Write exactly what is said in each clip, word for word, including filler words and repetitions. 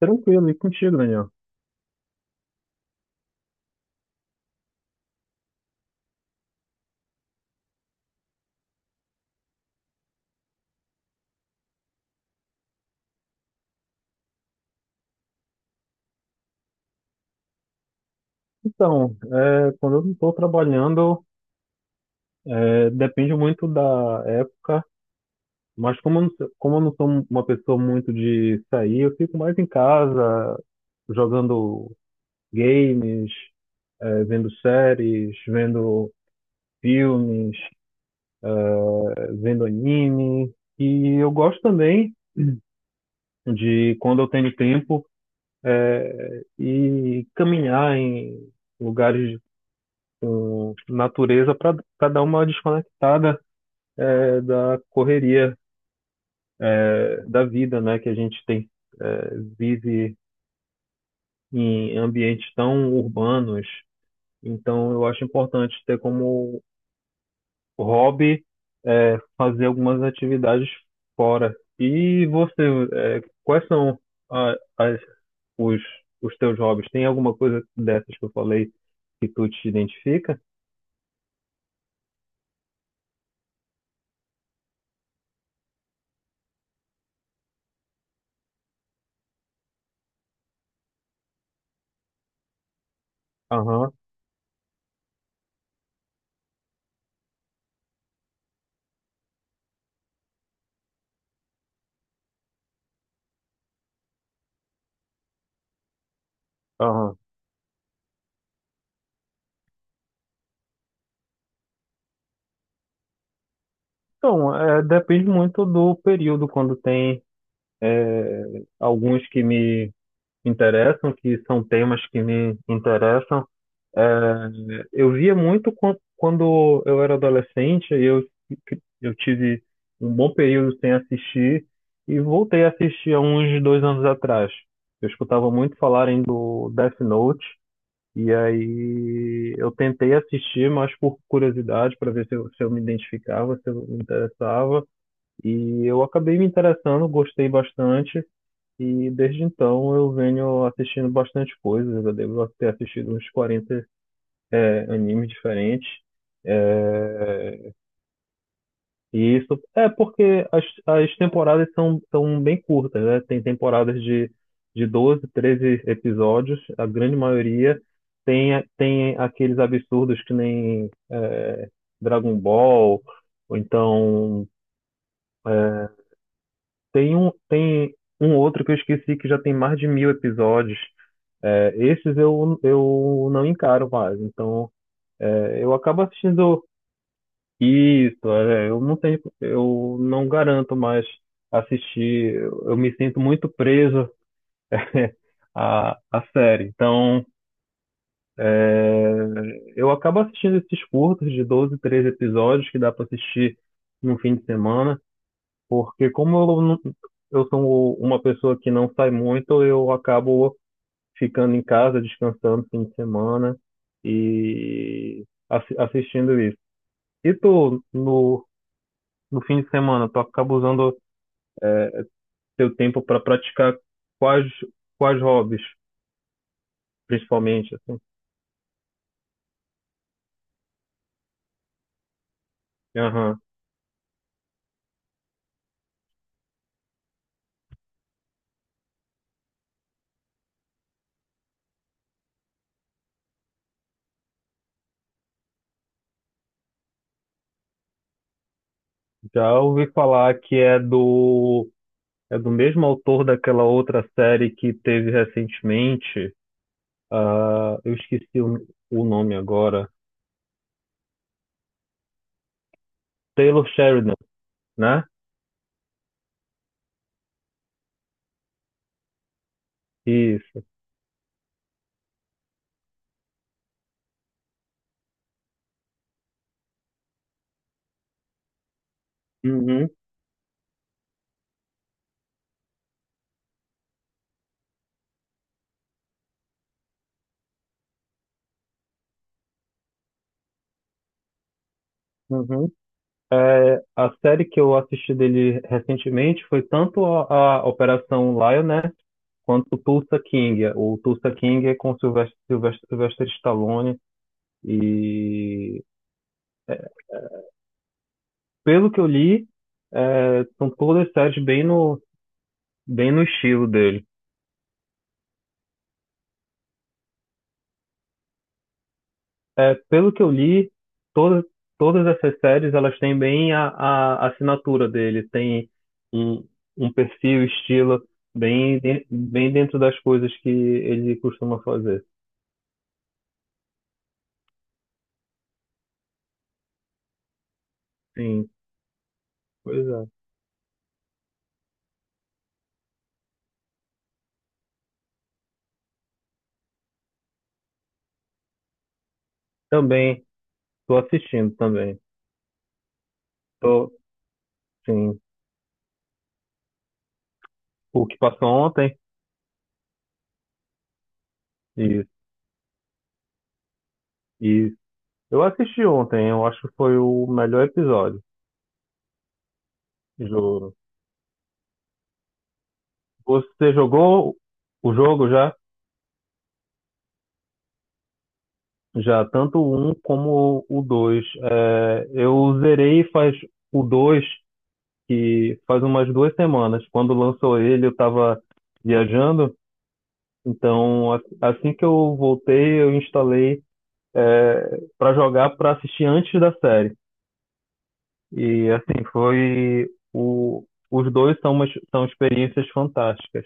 Tranquilo, e contigo, Daniel? Então, é, quando eu não estou trabalhando, é, depende muito da época, mas como eu não, sou- como eu não sou uma pessoa muito de sair, eu fico mais em casa, jogando games, é, vendo séries, vendo filmes, é, vendo anime. E eu gosto também de, quando eu tenho tempo, é, ir caminhar em lugares com natureza para dar uma desconectada é, da correria é, da vida, né? Que a gente tem é, vive em ambientes tão urbanos. Então, eu acho importante ter como hobby é, fazer algumas atividades fora. E você, é, quais são a- as- os, os teus hobbies? Tem alguma coisa dessas que eu falei que tu te identifica? Aham, aham. Então, é, depende muito do período, quando tem alguns que me interessam, que são temas que me interessam. É, eu via muito quan- quando eu era adolescente, eu, eu tive um bom período sem assistir e voltei a assistir há uns dois anos atrás. Eu escutava muito falarem do Death Note e aí eu tentei assistir, mas por curiosidade, para ver se eu, se eu me identificava, se eu me interessava. E eu acabei me interessando, gostei bastante, e desde então eu venho assistindo bastante coisas. Eu devo ter assistido uns quarenta é, animes diferentes. É, e isso é porque as, as temporadas são, são bem curtas, né? Tem temporadas de, de doze, treze episódios, a grande maioria. Tem, a- tem aqueles absurdos que nem é, Dragon Ball, ou então Tem um, tem um outro que eu esqueci que já tem mais de mil episódios. É, esses eu, eu não encaro mais. Então, é, eu acabo assistindo isso. é, eu não tenho, eu não garanto mais assistir. Eu, eu me sinto muito preso à, à série. Então, é, eu acabo assistindo esses curtos de doze treze episódios que dá para assistir no fim de semana, porque como eu, não- eu sou um, uma pessoa que não sai muito, eu acabo ficando em casa, descansando fim de semana e assi- assistindo isso. E tu, no, no fim de semana, tu acaba usando teu tempo para praticar quais, quais hobbies, principalmente, assim? Aham. Já ouvi falar que é do, é do mesmo autor daquela outra série que teve recentemente. Ah, eu esqueci o, o nome agora. Taylor Sheridan, né? Isso. Uhum, uhum. É, a série que eu assisti dele recentemente foi tanto a, a Operação Lioness quanto Tulsa King. O Tulsa King é com Sylvester, Sylvester, Sylvester Stallone. E pelo que eu li, é, são todas séries bem no, bem no estilo dele. É, pelo que eu li, todas, todas essas séries elas têm bem a, a assinatura dele. Tem um, um perfil, estilo, bem, de- bem dentro das coisas que ele costuma fazer. Sim, pois é. Também tô assistindo também. Tô, sim. O que passou ontem? Isso, isso. Eu assisti ontem, eu acho que foi o melhor episódio, juro. Você jogou o jogo já? Já, tanto o um como o dois. É, eu zerei faz o dois que faz umas duas semanas. Quando lançou ele, eu estava viajando. Então, a- assim que eu voltei, eu instalei é, para jogar para assistir antes da série. E assim, foi o, os dois são umas, são experiências fantásticas.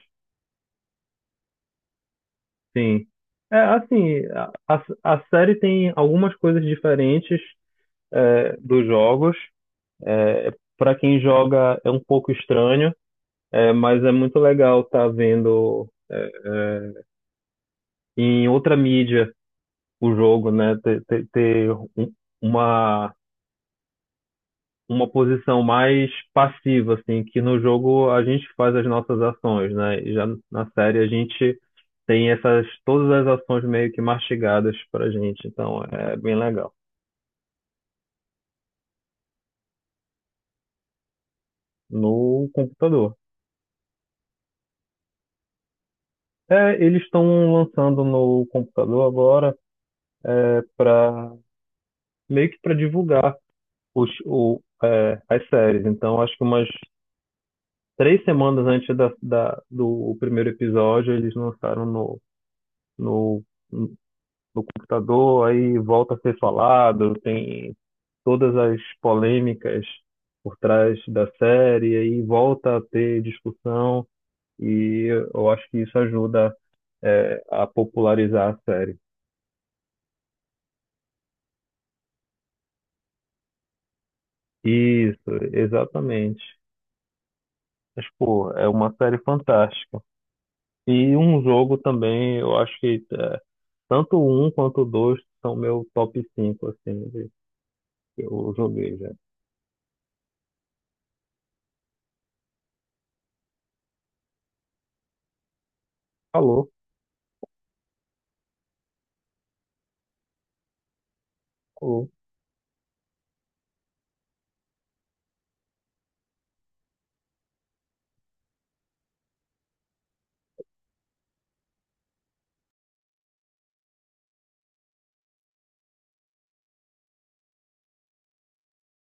Sim. É assim, a, a série tem algumas coisas diferentes é, dos jogos. É, para quem joga é um pouco estranho, é, mas é muito legal estar tá vendo é, é, em outra mídia o jogo, né? Ter, ter, ter um- uma uma posição mais passiva, assim, que no jogo a gente faz as nossas ações, né? E já na série a gente tem essas todas as ações meio que mastigadas pra gente, então é bem legal. No computador. É, eles estão lançando no computador agora é para meio que para divulgar os, o, é, as séries. Então acho que umas três semanas antes da, da- do primeiro episódio eles lançaram no, no no computador, aí volta a ser falado, tem todas as polêmicas por trás da série, aí volta a ter discussão, e eu acho que isso ajuda, é, a popularizar a série. Isso, exatamente. Mas, pô, é uma série fantástica. E um jogo também, eu acho que é, tanto o um quanto o dois são meu top cinco assim, de- que eu joguei já. Falou, falou.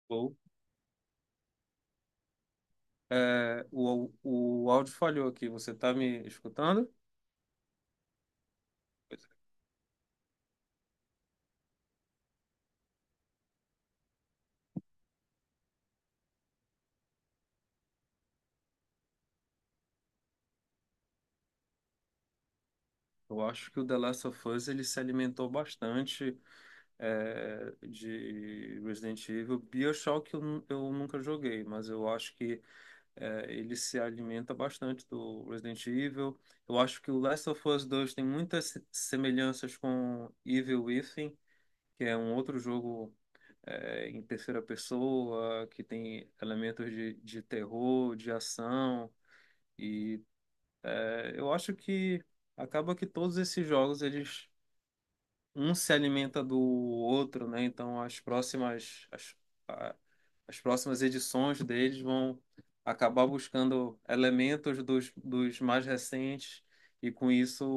Ou tá me escutando? Eu acho que o The Last of Us ele se alimentou bastante é, de Resident Evil. BioShock eu, nu- eu nunca joguei, mas eu acho que eu, eu acho assim, o, não, que acaba que todos um se alimentam, deles vão acabar buscando e com isso.